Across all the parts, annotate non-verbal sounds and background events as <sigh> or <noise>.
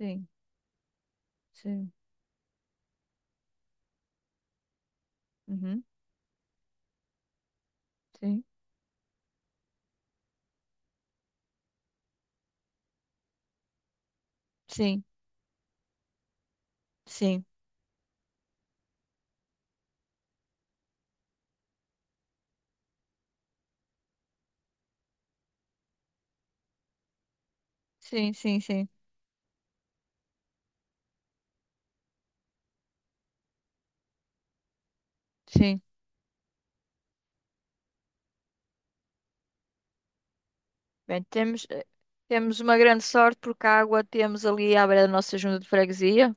Sim, sim, uhum, sim, sim, sim, sim, sim, sim, sim. Bem, temos uma grande sorte porque a água temos ali à beira da nossa junta de freguesia,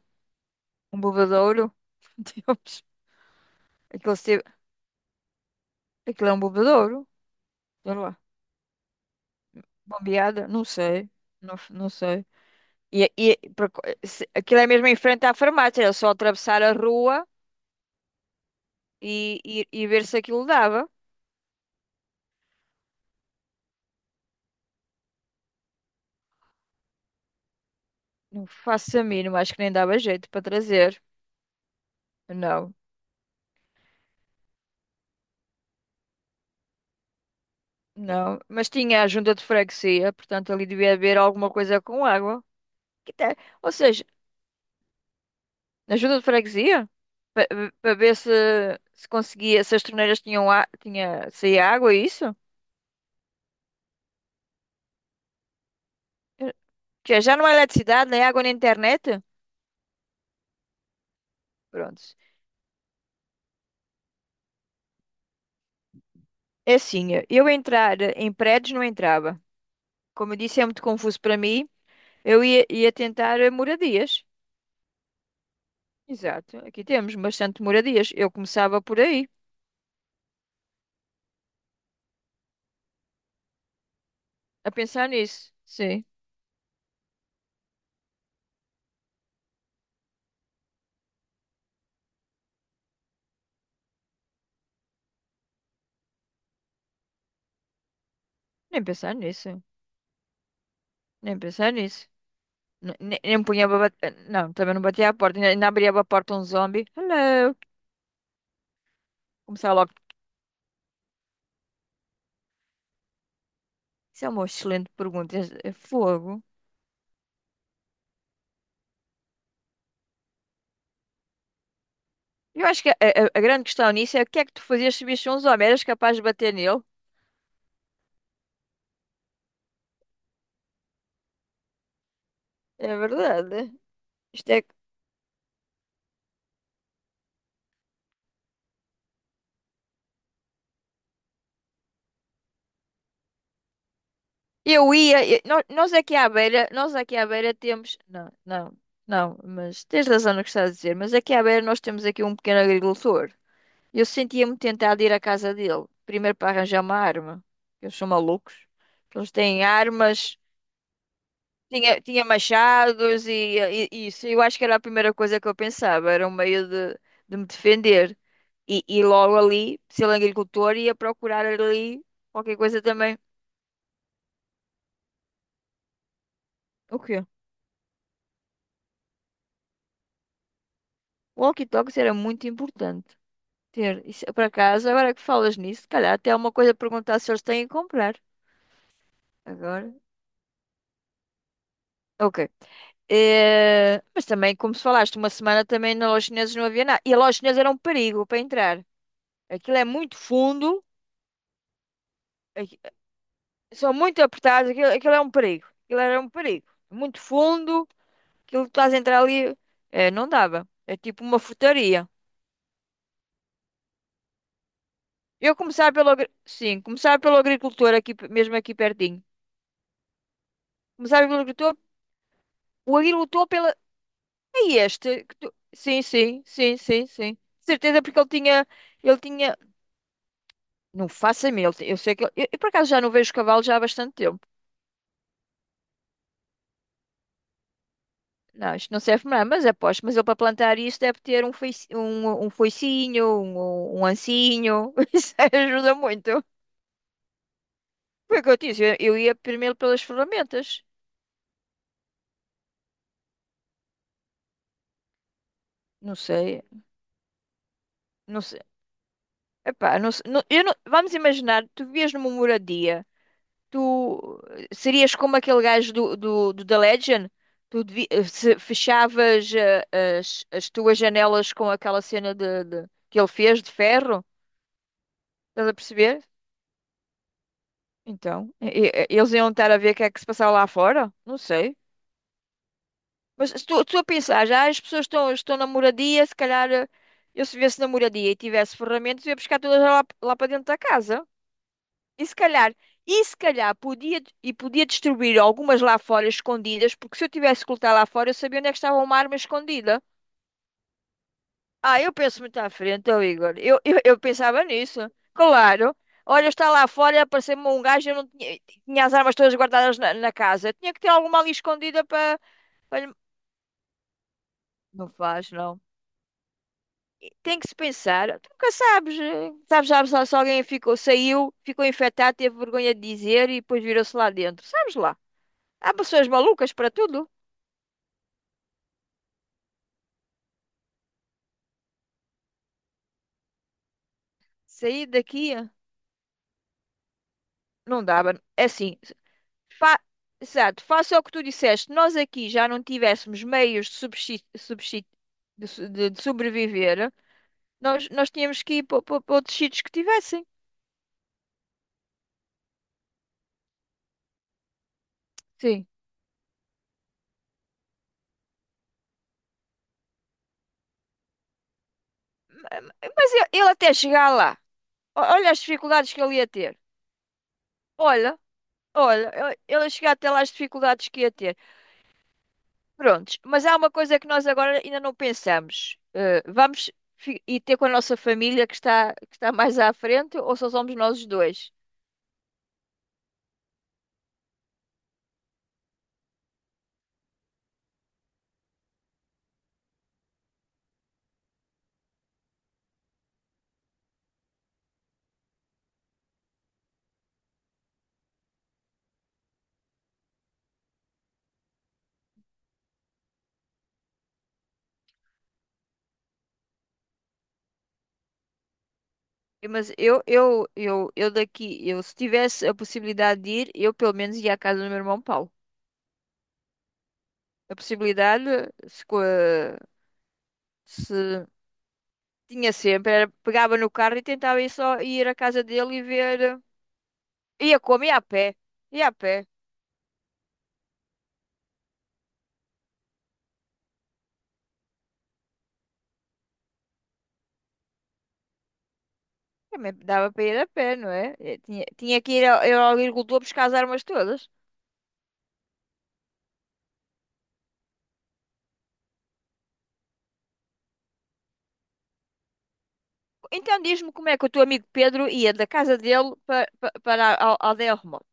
um bebedouro. <laughs> Temos. Aquilo, se- aquilo é um bebedouro, sei lá, bombeada, não sei, não, não sei. E por co- se- aquilo é mesmo em frente à farmácia, era só atravessar a rua e ver se aquilo dava. Não faço a mínima, acho que nem dava jeito para trazer. Não. Não, mas tinha a junta de freguesia, portanto ali devia haver alguma coisa com água. Que tal? Ou seja, na junta de freguesia, para ver se conseguia, se as torneiras tinha, saía água, é isso? Eh, já não há eletricidade, nem água, nem internet? Pronto. É assim, eu entrar em prédios não entrava. Como eu disse, é muito confuso para mim. Eu ia tentar moradias. Exato, aqui temos bastante moradias. Eu começava por aí, a pensar nisso. Sim, nem pensar nisso. Nem pensar nisso. Nem punha para. Não, também não batia à porta. Ainda abria a porta um zombie. Hello! Começava logo. Isso é uma excelente pergunta. É fogo. Eu acho que a grande questão nisso é o que é que tu fazias se visse um zombie? Eras capaz de bater nele? É verdade. Isto é que. Eu ia. Nós, aqui à beira. Nós aqui à beira temos. Não, não, não. Mas tens razão no que estás a dizer. Mas aqui à beira nós temos aqui um pequeno agricultor. Eu sentia-me tentada a ir à casa dele. Primeiro para arranjar uma arma. Eles são malucos. Eles têm armas, tinha machados e isso. Eu acho que era a primeira coisa que eu pensava. Era um meio de me defender. E logo ali, se ele é agricultor, ia procurar ali qualquer coisa também. O quê? Walkie-talkies era muito importante ter. Isso, por acaso, agora que falas nisso, se calhar até há uma coisa a perguntar se eles têm a comprar. Agora. Ok. Mas também, como se falaste, uma semana também na loja chinesa não havia nada. E a loja chinesa era um perigo para entrar. Aquilo é muito fundo, aqui- são muito apertados, aquilo é um perigo. Aquilo era um perigo. Muito fundo, aquilo que estás a entrar ali, não dava. É tipo uma frutaria. Eu começava sim, começava pelo agricultor, aqui, mesmo aqui pertinho. Começava pelo agricultor, o agricultor pela. É este? Sim, sim, sim, sim, sim. Certeza, porque ele tinha. Ele tinha. Não faço a mim. Eu sei que eu, por acaso já não vejo cavalo já há bastante tempo. Não, isto não serve para nada, mas aposto. Mas ele para plantar isto deve ter foice, um foicinho, um ancinho. <laughs> Isso ajuda muito. Foi o que eu disse. Eu ia primeiro pelas ferramentas. Não sei, não sei. Epá, não, se- não- eu não- vamos imaginar, tu vivias numa moradia. Tu serias como aquele gajo do The Legend? Se fechavas as tuas janelas com aquela cena que ele fez de ferro? Estás a perceber? Então, eles iam estar a ver o que é que se passava lá fora? Não sei. Mas se tu a pensares, ah, as pessoas estão na moradia, se calhar, eu se viesse na moradia e tivesse ferramentas, eu ia buscar todas lá, para dentro da casa. E se calhar, e se calhar podia, e podia distribuir algumas lá fora escondidas, porque se eu tivesse que lutar lá fora, eu sabia onde é que estava uma arma escondida. Ah, eu penso muito à frente, ó Igor. Eu pensava nisso. Claro. Olha, está lá fora, apareceu-me um gajo, eu não tinha, tinha as armas todas guardadas na casa. Eu tinha que ter alguma ali escondida para. Para lhe-. Não faz, não. Tem que se pensar. Tu nunca sabes. Sabes lá se alguém ficou, saiu, ficou infectado, teve vergonha de dizer e depois virou-se lá dentro. Sabes lá. Há pessoas malucas para tudo. Sair daqui, não dava. É assim, fa- exato, faça o que tu disseste. Nós aqui já não tivéssemos meios de, subsi- subsi- de su- de sobreviver, nós tínhamos que ir para outros sítios que tivessem. Sim. Mas ele até chegar lá, olha as dificuldades que ele ia ter. Olha, olha, ele a chegar até lá as dificuldades que ia ter. Prontos, mas há uma coisa que nós agora ainda não pensamos. Vamos ir ter com a nossa família que está mais à frente ou só somos nós os dois? Mas eu daqui, eu se tivesse a possibilidade de ir, eu pelo menos ia à casa do meu irmão Paulo. A possibilidade, se, co- se tinha sempre, era, pegava no carro e tentava ir, só ir à casa dele e ver. Ia como? Ia a pé. Ia a pé. Também dava para ir a pé, não é? Tinha que ir ao agricultor buscar as armas todas. Então diz-me como é que o teu amigo Pedro ia da casa dele para, para a aldeia remota.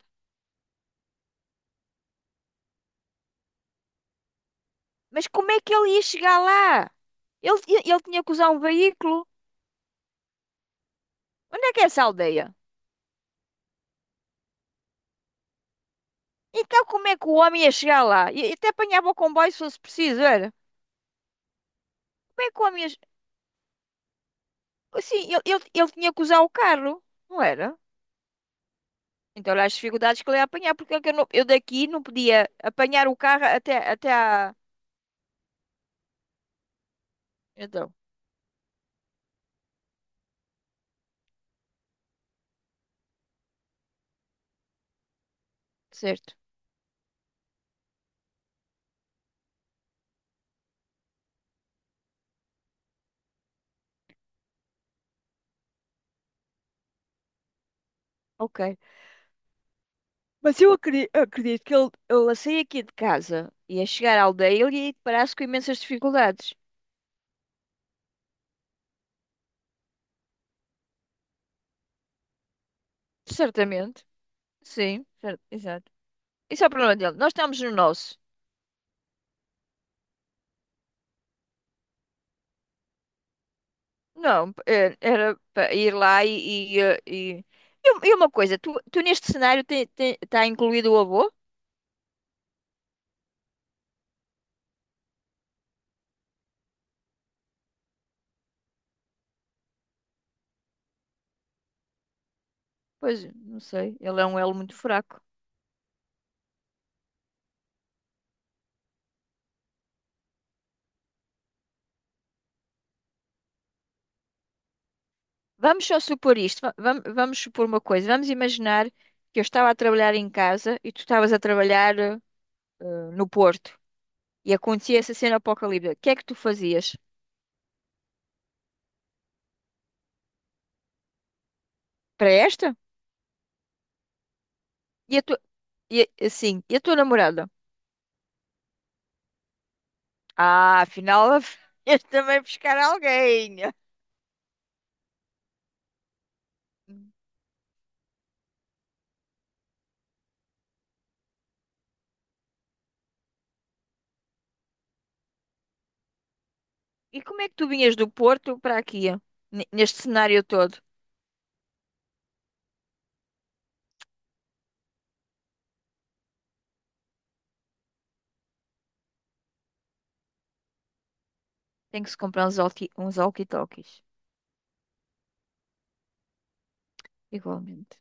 Mas como é que ele ia chegar lá? Ele tinha que usar um veículo. Onde é que é essa aldeia? Então como é que o homem ia chegar lá? E até apanhava o comboio se fosse preciso, era? Como é que o homem ia... Assim, ele tinha que usar o carro, não era? Então olha as dificuldades que ele ia apanhar, porque é que eu, eu daqui não podia apanhar o carro até à... Então, certo. Ok. Mas eu acredito que ele, a sair aqui de casa e a chegar à aldeia, ele ia deparar-se com imensas dificuldades. Certamente. Sim, exato. Isso é o problema dele. Nós estamos no nosso. Não, era para ir lá. Uma coisa, tu neste cenário está incluído o avô? Pois, não sei, ele é um elo muito fraco. Vamos só supor isto, supor uma coisa. Vamos imaginar que eu estava a trabalhar em casa e tu estavas a trabalhar no Porto. E acontecia essa cena apocalíptica, o que é que tu fazias? Para esta? E a tua, e a tua namorada? Ah, afinal, <laughs> ias também buscar alguém. E como é que tu vinhas do Porto para aqui, neste cenário todo? Tem que se comprar uns walkie-talkies, igualmente.